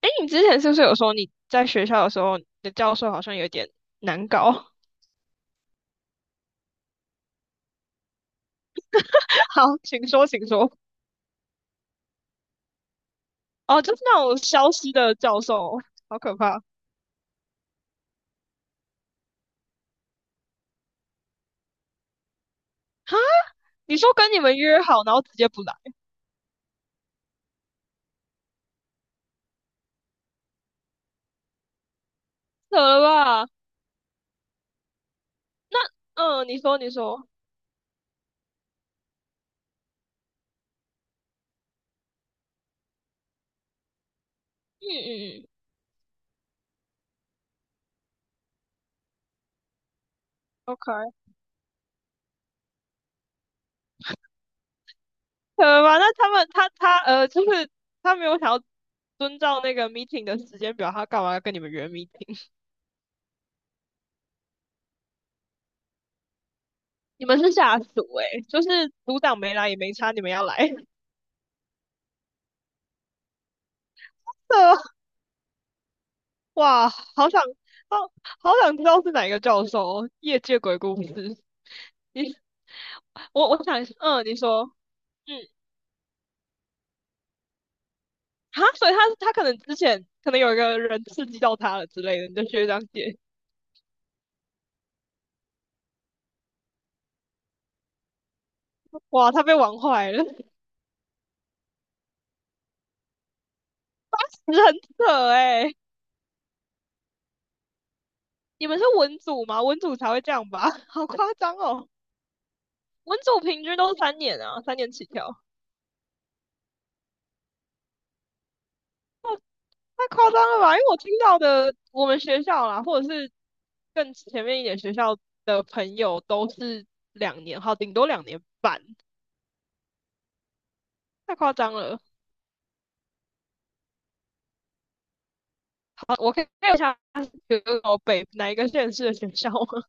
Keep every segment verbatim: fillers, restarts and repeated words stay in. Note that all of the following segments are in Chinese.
哎，你之前是不是有说你在学校的时候，你的教授好像有点难搞？好，请说，请说。哦，就是那种消失的教授，好可怕。哈，你说跟你们约好，然后直接不来，扯了吧？那，嗯，你说，你说，嗯嗯嗯，OK，扯了吧？那他们，他他呃，就是他没有想要遵照那个 meeting 的时间表，他干嘛要跟你们约 meeting？你们是下属诶，就是组长没来也没差，你们要来，扯哇，好想，好，好想知道是哪一个教授哦业界鬼故事。你，我我想，嗯，你说，嗯，哈，所以他他可能之前可能有一个人刺激到他了之类的，你的学长姐，哇，他被玩坏了，真的很扯哎。你们是文组吗？文组才会这样吧？好夸张哦，文组平均都是三年啊，三年起跳。太夸张了吧？因为我听到的，我们学校啦，或者是更前面一点学校的朋友，都是两年，好，顶多两年半，太夸张了。好，我可以看一下有北哪一个县市的学校吗？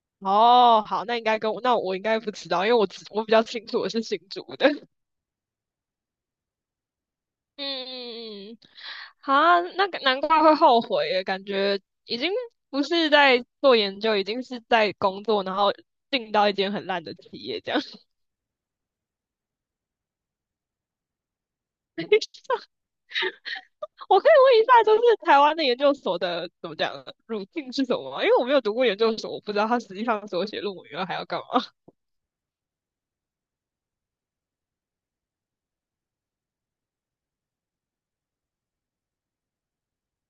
哦，好，那应该跟我，那我应该不知道，因为我只我比较清楚我是新竹的。嗯嗯嗯，好啊，那个难怪会后悔耶，感觉已经不是在做研究，已经是在工作，然后进到一间很烂的企业这样。我可以问一下，就是台湾的研究所的怎么讲路径是什么吗？因为我没有读过研究所，我不知道他实际上所写论文以来还要干嘛。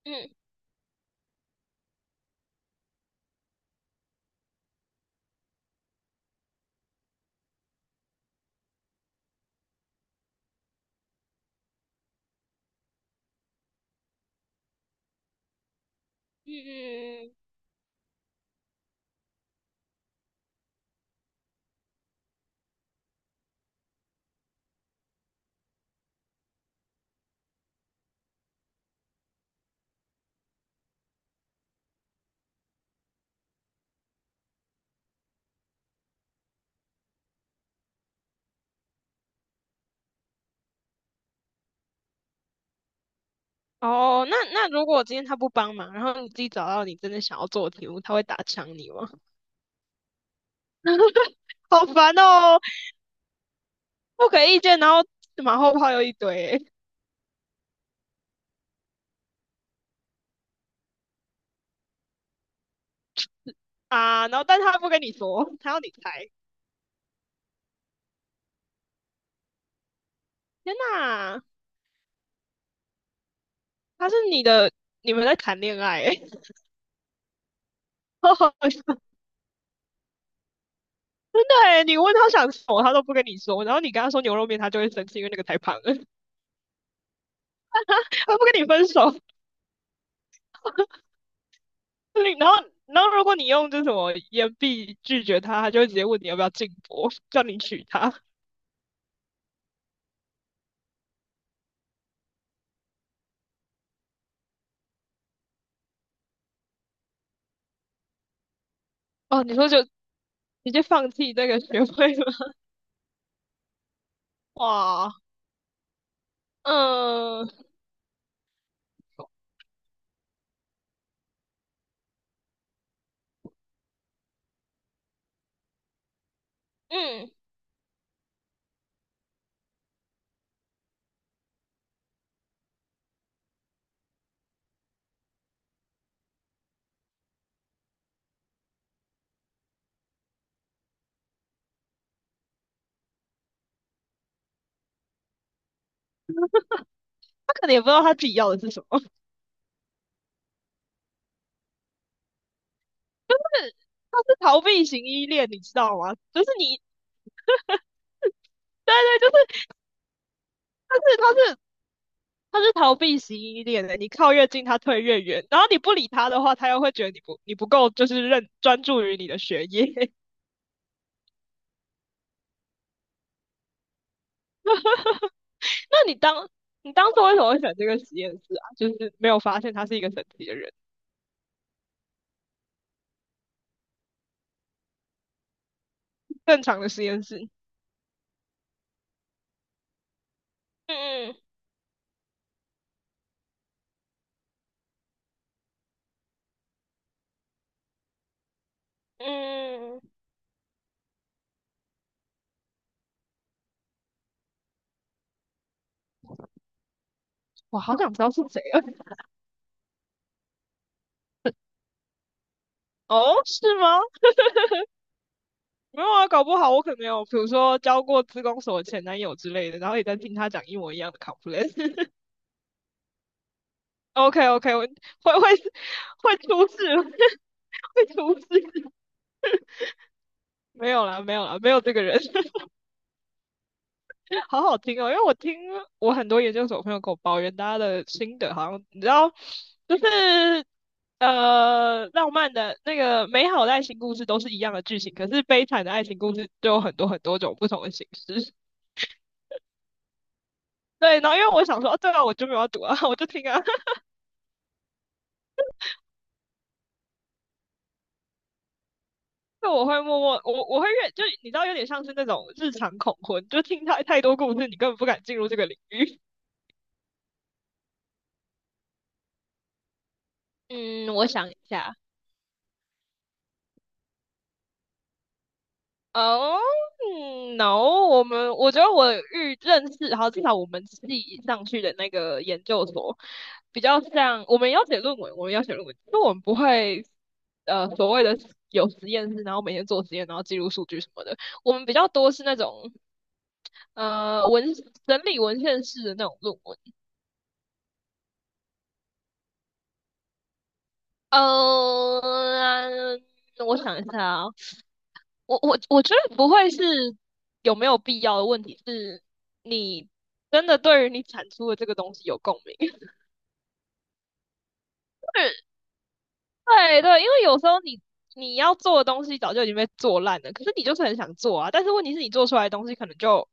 嗯嗯嗯，嗯哦，那那如果今天他不帮忙，然后你自己找到你真的想要做的题目，他会打枪你吗？好烦哦，不给意见，然后马后炮又一堆欸啊，然后但是他不跟你说，他要你猜。天呐，他是你的，你们在谈恋爱欸，好好真的哎，你问他想吃什么，他都不跟你说，然后你跟他说牛肉面，他就会生气，因为那个太胖了，他不跟你分手。你然后，然后如果你用这什么言必拒绝他，他就会直接问你要不要进博，叫你娶她。哦，你说就直接放弃这个学位了？哇，嗯嗯，他可能也不知道他自己要的是什么，是他是逃避型依恋，你知道吗？就是你，对对，就是他是他是他是逃避型依恋的，你靠越近，他退越远。然后你不理他的话，他又会觉得你不你不够，就是认专注于你的学业。那你当你当初为什么会选这个实验室啊？就是没有发现他是一个神奇的人，正常的实验室。嗯嗯嗯，我好想知道是谁啊！哦，是吗？没有啊，搞不好我可能有，比如说交过自工所的前男友之类的，然后也在听他讲一模一样的 complaint。OK OK，我会会会出事，会出事。没有啦，没有啦，没有这个人，好好听哦。因为我听我很多研究所朋友跟我抱怨，大家的心得好像你知道，就是呃，浪漫的那个美好的爱情故事都是一样的剧情，可是悲惨的爱情故事就有很多很多种不同的形式。对，然后因为我想说，哦，对啊，我就没有要读啊，我就听啊，就我会默默，我我会越，就你知道，有点像是那种日常恐婚，就听太太多故事，你根本不敢进入这个领域。嗯，我想一下。哦、嗯 n o 我们我觉得我遇认识，好，至少我们系上去的那个研究所，比较像我们要写论文，我们要写论文，就我们不会呃所谓的有实验室，然后每天做实验，然后记录数据什么的，我们比较多是那种呃文整理文献式的那种论文。呃，我想一下，啊。我我我觉得不会是有没有必要的问题，是你真的对于你产出的这个东西有共鸣。对对，因为有时候你你要做的东西早就已经被做烂了，可是你就是很想做啊。但是问题是你做出来的东西可能就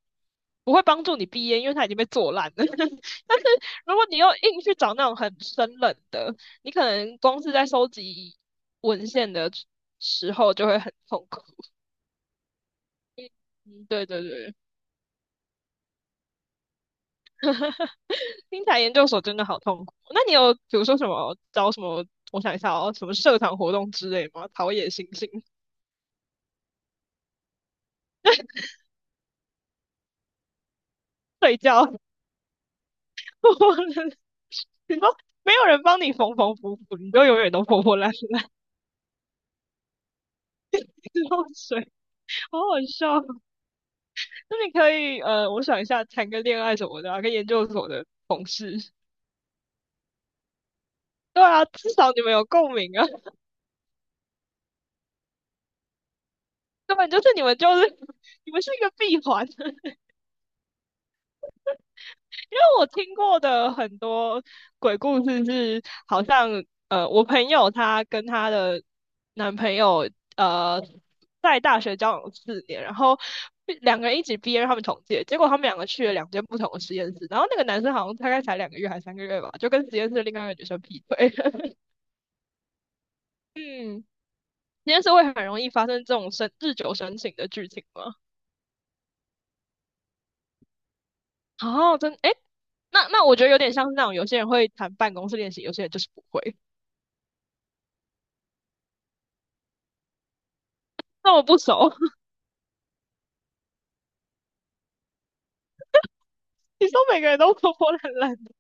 不会帮助你毕业，因为它已经被做烂了。但是如果你又硬去找那种很生冷的，你可能光是在收集文献的时候就会很痛苦。嗯，对对对。听起来研究所真的好痛苦。那你有比如说什么找什么？我想一下哦，什么社团活动之类吗？陶冶心性，睡觉，你说没有人帮你缝缝补补，你就永远都破破烂烂，漏水，好好笑。那你可以呃，我想一下，谈个恋爱什么的啊，跟研究所的同事。对啊，至少你们有共鸣啊，根本就是你们就是你们是一个闭环。因为我听过的很多鬼故事是，好像呃，我朋友她跟她的男朋友呃，在大学交往四年，然后两个人一起毕业，他们同届，结果他们两个去了两间不同的实验室，然后那个男生好像大概才两个月还三个月吧，就跟实验室另外一个女生劈腿。嗯，实验室会很容易发生这种生日久生情的剧情吗？哦，真诶，那那我觉得有点像是那种有些人会谈办公室恋情，有些人就是不会。那我不熟。你说每个人都活泼懒懒的，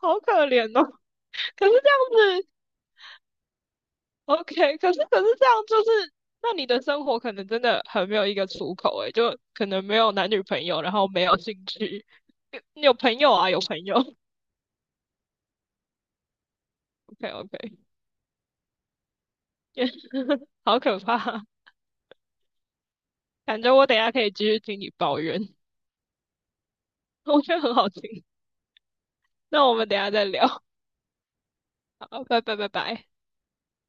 好可怜哦。可是这样子，OK，可是可是这样就是，那你的生活可能真的很没有一个出口，诶，就可能没有男女朋友，然后没有兴趣，有朋友啊，有朋友，OK OK，好可怕，感觉我等一下可以继续听你抱怨，我觉得很好听。那我们等一下再聊，好，拜拜拜拜。